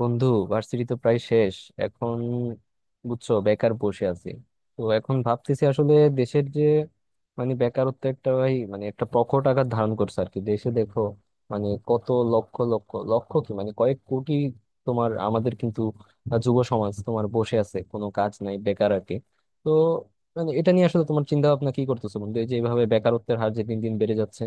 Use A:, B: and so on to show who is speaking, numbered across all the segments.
A: বন্ধু, ভার্সিটি তো প্রায় শেষ এখন, বুঝছো? বেকার বসে আছি। তো এখন ভাবতেছি আসলে দেশের যে, মানে, বেকারত্ব একটা, ভাই, মানে একটা প্রকট আকার ধারণ করছে আর কি দেশে, দেখো, মানে কত লক্ষ লক্ষ লক্ষ কি, মানে, কয়েক কোটি তোমার আমাদের কিন্তু যুব সমাজ তোমার বসে আছে, কোনো কাজ নাই, বেকার আর কি। তো, মানে, এটা নিয়ে আসলে তোমার চিন্তা ভাবনা কি করতেছো বন্ধু এই যে এইভাবে বেকারত্বের হার যে দিন দিন বেড়ে যাচ্ছে?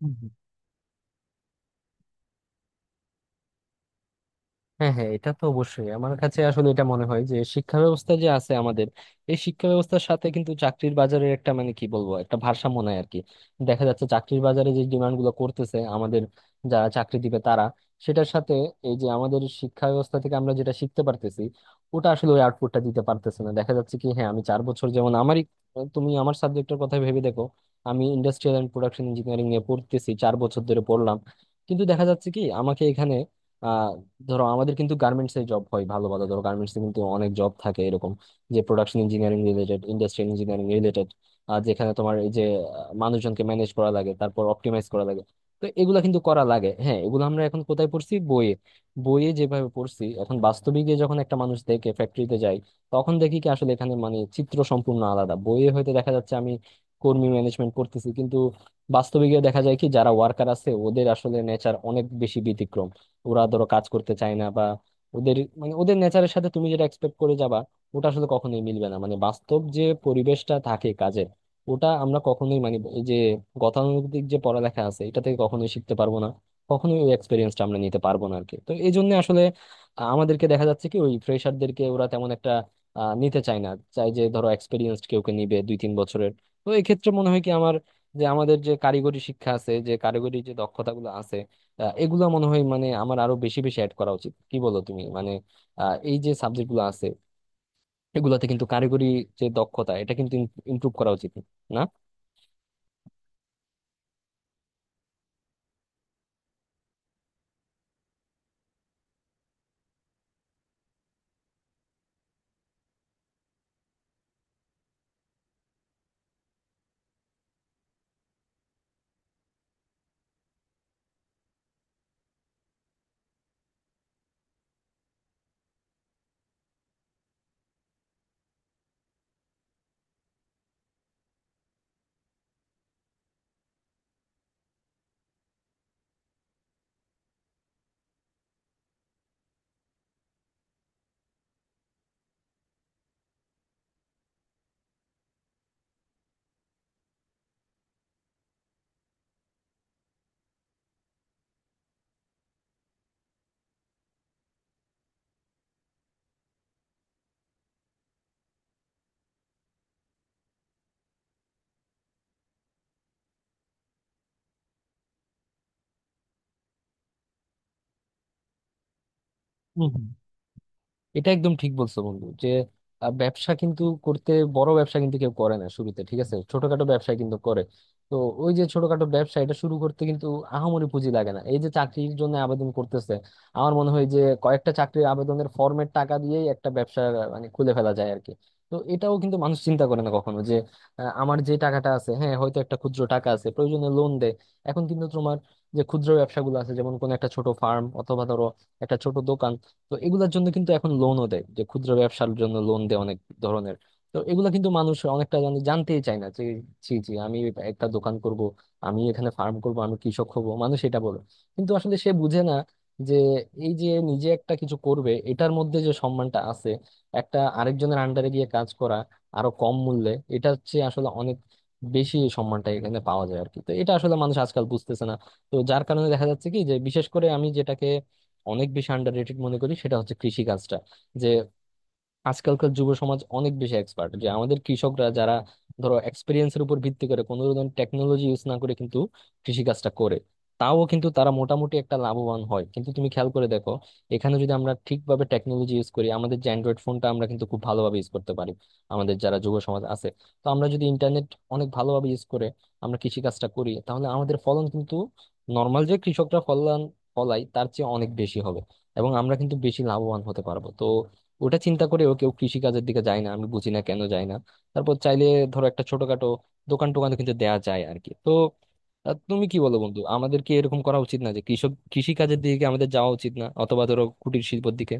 A: হুম। হ্যাঁ হ্যাঁ, এটা তো অবশ্যই। আমার কাছে আসলে এটা মনে হয় যে শিক্ষা ব্যবস্থা যে আছে আমাদের, এই শিক্ষা ব্যবস্থার সাথে কিন্তু চাকরির বাজারের একটা, মানে, কি বলবো, একটা ভারসাম্য নাই আর কি। দেখা যাচ্ছে চাকরির বাজারে যে ডিমান্ড গুলো করতেছে আমাদের, যারা চাকরি দিবে তারা, সেটার সাথে এই যে আমাদের শিক্ষা ব্যবস্থা থেকে আমরা যেটা শিখতে পারতেছি, ওটা আসলে ওই আউটপুটটা দিতে পারতেছে না। দেখা যাচ্ছে কি, হ্যাঁ, আমি 4 বছর, যেমন আমারই, তুমি আমার সাবজেক্টের কথা ভেবে দেখো, আমি ইন্ডাস্ট্রিয়াল অ্যান্ড প্রোডাকশন ইঞ্জিনিয়ারিং নিয়ে পড়তেছি, 4 বছর ধরে পড়লাম। কিন্তু দেখা যাচ্ছে কি আমাকে এখানে, ধরো আমাদের কিন্তু গার্মেন্টস এ জব হয় ভালো ভালো, ধরো গার্মেন্টস এ কিন্তু অনেক জব থাকে এরকম, যে production engineering related, industrial engineering related. আর যেখানে তোমার এই যে মানুষজনকে ম্যানেজ করা লাগে, তারপর অপটিমাইজ করা লাগে, তো এগুলা কিন্তু করা লাগে। হ্যাঁ, এগুলো আমরা এখন কোথায় পড়ছি? বইয়ে। বইয়ে যেভাবে পড়ছি এখন, বাস্তবে গিয়ে যখন একটা মানুষ দেখে, ফ্যাক্টরিতে যায়, তখন দেখি কি আসলে এখানে, মানে, চিত্র সম্পূর্ণ আলাদা। বইয়ে হয়তো দেখা যাচ্ছে আমি কর্মী ম্যানেজমেন্ট করতেছি, কিন্তু বাস্তবে গিয়ে দেখা যায় কি যারা ওয়ার্কার আছে ওদের আসলে নেচার অনেক বেশি ব্যতিক্রম। ওরা ধরো কাজ করতে চায় না, বা ওদের, মানে, ওদের নেচারের সাথে তুমি যেটা এক্সপেক্ট করে যাবা, ওটা আসলে কখনোই মিলবে না। মানে বাস্তব যে পরিবেশটা থাকে কাজের, ওটা আমরা কখনোই, মানে, এই যে গতানুগতিক যে পড়ালেখা আছে এটা থেকে কখনোই শিখতে পারবো না। কখনোই ওই এক্সপিরিয়েন্সটা আমরা নিতে পারবো না আরকি। তো এই জন্য আসলে আমাদেরকে দেখা যাচ্ছে কি ওই ফ্রেশারদেরকে ওরা তেমন একটা নিতে চায় না। চাই যে ধরো এক্সপিরিয়েন্সড কেউকে নিবে, 2 3 বছরের। তো এই ক্ষেত্রে মনে হয় কি আমার, যে আমাদের যে কারিগরি শিক্ষা আছে, যে কারিগরি যে দক্ষতাগুলো আছে, এগুলা মনে হয়, মানে, আমার আরো বেশি বেশি অ্যাড করা উচিত। কি বলো তুমি? মানে, এই যে সাবজেক্ট গুলো আছে, এগুলাতে কিন্তু কারিগরি যে দক্ষতা, এটা কিন্তু ইমপ্রুভ করা উচিত না? এটা একদম ঠিক বলছো বন্ধু যে ব্যবসা কিন্তু করতে, বড় ব্যবসা কিন্তু কেউ করে না শুরুতে, ঠিক আছে, ছোটখাটো ব্যবসা কিন্তু করে। তো ওই যে ছোটখাটো ব্যবসা, এটা শুরু করতে কিন্তু আহামরি পুঁজি লাগে না। এই যে চাকরির জন্য আবেদন করতেছে, আমার মনে হয় যে কয়েকটা চাকরির আবেদনের ফর্মের টাকা দিয়েই একটা ব্যবসা মানে খুলে ফেলা যায় আর কি। তো এটাও কিন্তু মানুষ চিন্তা করে না কখনো, যে আমার যে টাকাটা আছে, হ্যাঁ হয়তো একটা ক্ষুদ্র টাকা আছে, প্রয়োজনে লোন দেয়। এখন কিন্তু তোমার যে ক্ষুদ্র ব্যবসাগুলো আছে, যেমন কোনো একটা ছোট ফার্ম অথবা ধরো একটা ছোট দোকান, তো এগুলোর জন্য কিন্তু এখন লোনও দেয়, যে ক্ষুদ্র ব্যবসার জন্য লোন দেয় অনেক ধরনের। তো এগুলো কিন্তু মানুষ অনেকটা জানে, জানতেই চায় না যে, জি জি, আমি একটা দোকান করব, আমি এখানে ফার্ম করব, আমি কৃষক হব, মানুষ এটা বলে। কিন্তু আসলে সে বুঝে না যে এই যে নিজে একটা কিছু করবে এটার মধ্যে যে সম্মানটা আছে, একটা আরেকজনের আন্ডারে গিয়ে কাজ করা, আরো কম মূল্যে, এটা হচ্ছে আসলে অনেক বেশি, সম্মানটা এখানে পাওয়া যায় আর কি। তো এটা আসলে মানুষ আজকাল বুঝতেছে না। তো যার কারণে দেখা যাচ্ছে কি, যে বিশেষ করে আমি যেটাকে অনেক বেশি আন্ডাররেটেড মনে করি, সেটা হচ্ছে কৃষি কাজটা। যে আজকালকার যুব সমাজ অনেক বেশি এক্সপার্ট, যে আমাদের কৃষকরা যারা ধরো এক্সপিরিয়েন্সের উপর ভিত্তি করে কোনো ধরনের টেকনোলজি ইউজ না করে কিন্তু কৃষিকাজটা করে, তাও কিন্তু তারা মোটামুটি একটা লাভবান হয়। কিন্তু তুমি খেয়াল করে দেখো, এখানে যদি আমরা ঠিকভাবে টেকনোলজি ইউজ করি, আমাদের যে অ্যান্ড্রয়েড ফোনটা আমরা কিন্তু খুব ভালোভাবে ইউজ করতে পারি আমাদের যারা যুব সমাজ আছে, তো আমরা যদি ইন্টারনেট অনেক ভালোভাবে ইউজ করে আমরা কৃষিকাজটা করি, তাহলে আমাদের ফলন কিন্তু নর্মাল যে কৃষকরা ফলন ফলায় তার চেয়ে অনেক বেশি হবে, এবং আমরা কিন্তু বেশি লাভবান হতে পারবো। তো ওটা চিন্তা করেও কেউ কৃষি কাজের দিকে যায় না, আমি বুঝি না কেন যায় না। তারপর চাইলে ধরো একটা ছোটখাটো দোকান টোকান কিন্তু দেয়া যায় আর কি। তো তুমি কি বলো বন্ধু, আমাদের কি এরকম করা উচিত না, যে কৃষক কৃষি কাজের দিকে কি আমাদের যাওয়া উচিত না, অথবা ধরো কুটির শিল্পের দিকে?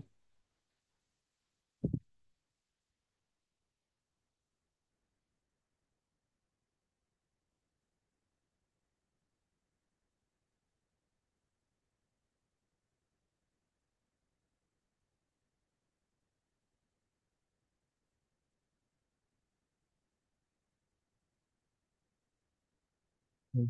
A: হুম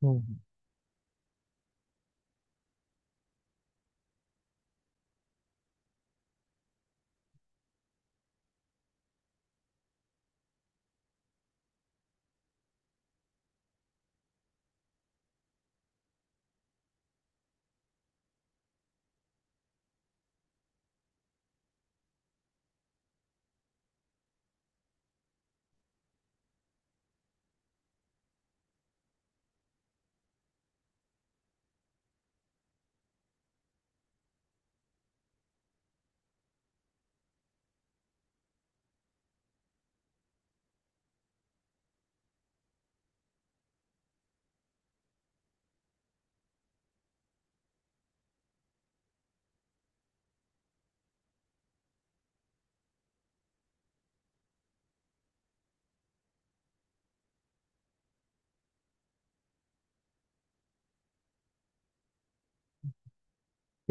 A: হুম।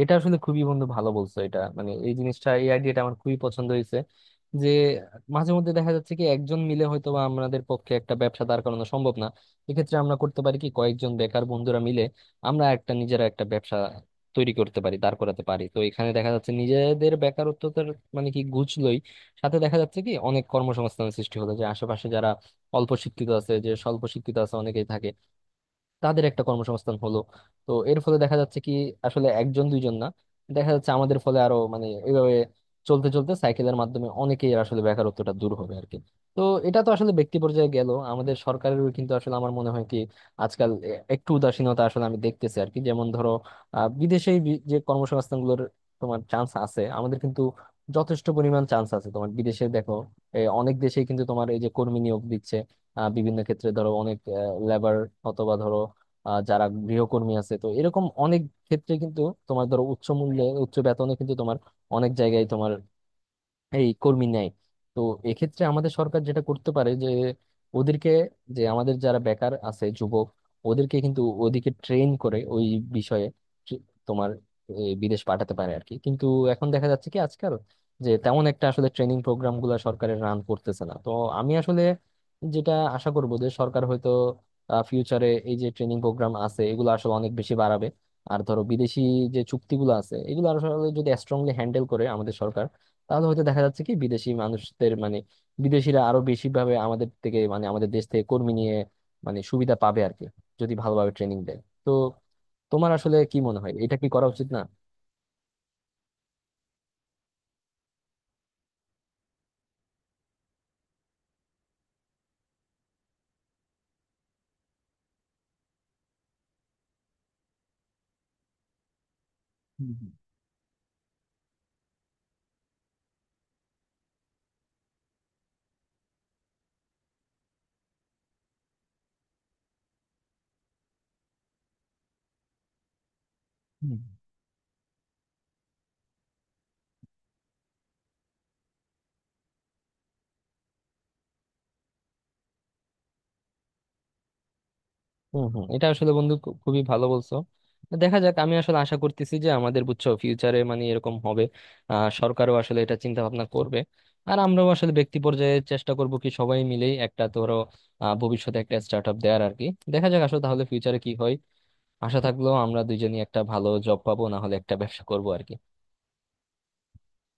A: এটা আসলে, খুবই বন্ধু ভালো বলছো। এটা, মানে, এই জিনিসটা, এই আইডিয়াটা আমার খুবই পছন্দ হয়েছে। যে মাঝে মধ্যে দেখা যাচ্ছে কি একজন মিলে হয়তো বা আমাদের পক্ষে একটা ব্যবসা দাঁড় করানো সম্ভব না, এক্ষেত্রে আমরা করতে পারি কি, কয়েকজন বেকার বন্ধুরা মিলে আমরা একটা, নিজেরা একটা ব্যবসা তৈরি করতে পারি, দাঁড় করাতে পারি। তো এখানে দেখা যাচ্ছে নিজেদের বেকারত্বতার, মানে, কি ঘুচলোই, সাথে দেখা যাচ্ছে কি অনেক কর্মসংস্থান সৃষ্টি হলো, যে আশেপাশে যারা অল্প শিক্ষিত আছে, যে স্বল্প শিক্ষিত আছে, অনেকেই থাকে, তাদের একটা কর্মসংস্থান হলো। তো এর ফলে দেখা যাচ্ছে কি আসলে একজন দুইজন না, দেখা যাচ্ছে আমাদের ফলে আরো, মানে, এইভাবে চলতে চলতে সাইকেলের মাধ্যমে অনেকেই আসলে বেকারত্বটা দূর হবে আর কি। তো এটা তো আসলে ব্যক্তি পর্যায়ে গেল, আমাদের সরকারেরও কিন্তু আসলে আমার মনে হয় কি আজকাল একটু উদাসীনতা, আসলে আমি দেখতেছি আর কি। যেমন ধরো, বিদেশে যে কর্মসংস্থানগুলোর তোমার চান্স আছে, আমাদের কিন্তু যথেষ্ট পরিমাণ চান্স আছে তোমার। বিদেশে দেখো, এ, অনেক দেশেই কিন্তু তোমার এই যে কর্মী নিয়োগ দিচ্ছে বিভিন্ন ক্ষেত্রে, ধরো অনেক লেবার, অথবা ধরো যারা গৃহকর্মী আছে, তো এরকম অনেক ক্ষেত্রে কিন্তু তোমার, ধরো উচ্চ মূল্যে উচ্চ বেতনে কিন্তু তোমার অনেক জায়গায় তোমার এই কর্মী নেয়। তো এক্ষেত্রে আমাদের সরকার যেটা করতে পারে, যে ওদেরকে, যে আমাদের যারা বেকার আছে যুবক, ওদেরকে কিন্তু ওদিকে ট্রেন করে ওই বিষয়ে ট্রে- তোমার, এ, বিদেশ পাঠাতে পারে আর কি। কিন্তু এখন দেখা যাচ্ছে কি আজকাল যে তেমন একটা আসলে ট্রেনিং প্রোগ্রাম গুলা সরকারের রান করতেছে না। তো আমি আসলে যেটা আশা করবো যে সরকার হয়তো ফিউচারে এই যে ট্রেনিং প্রোগ্রাম আছে এগুলো আসলে অনেক বেশি বাড়াবে। আর ধরো বিদেশি যে চুক্তিগুলো আছে, এগুলো আসলে যদি স্ট্রংলি হ্যান্ডেল করে আমাদের সরকার, তাহলে হয়তো দেখা যাচ্ছে কি বিদেশি মানুষদের, মানে, বিদেশিরা আরো বেশি ভাবে আমাদের থেকে, মানে, আমাদের দেশ থেকে কর্মী নিয়ে, মানে, সুবিধা পাবে আর কি, যদি ভালোভাবে ট্রেনিং দেয়। তো তোমার আসলে কি মনে হয়, এটা কি করা উচিত না? হুম হুম হুম। হম হম, এটা আসলে বন্ধু খুবই ভালো বলছো। দেখা যাক, আমি আসলে আশা করতেছি যে আমাদের, বুঝছো, ফিউচারে, মানে, এরকম হবে। সরকারও আসলে এটা চিন্তা ভাবনা করবে, আর আমরাও আসলে ব্যক্তি পর্যায়ে চেষ্টা করব কি সবাই মিলেই একটা, ধরো, ভবিষ্যতে একটা স্টার্ট আপ দেওয়ার আর কি। দেখা যাক আসলে তাহলে ফিউচারে কি হয়। আশা থাকলো আমরা দুজনই একটা ভালো জব পাবো, না হলে একটা ব্যবসা করবো আর কি।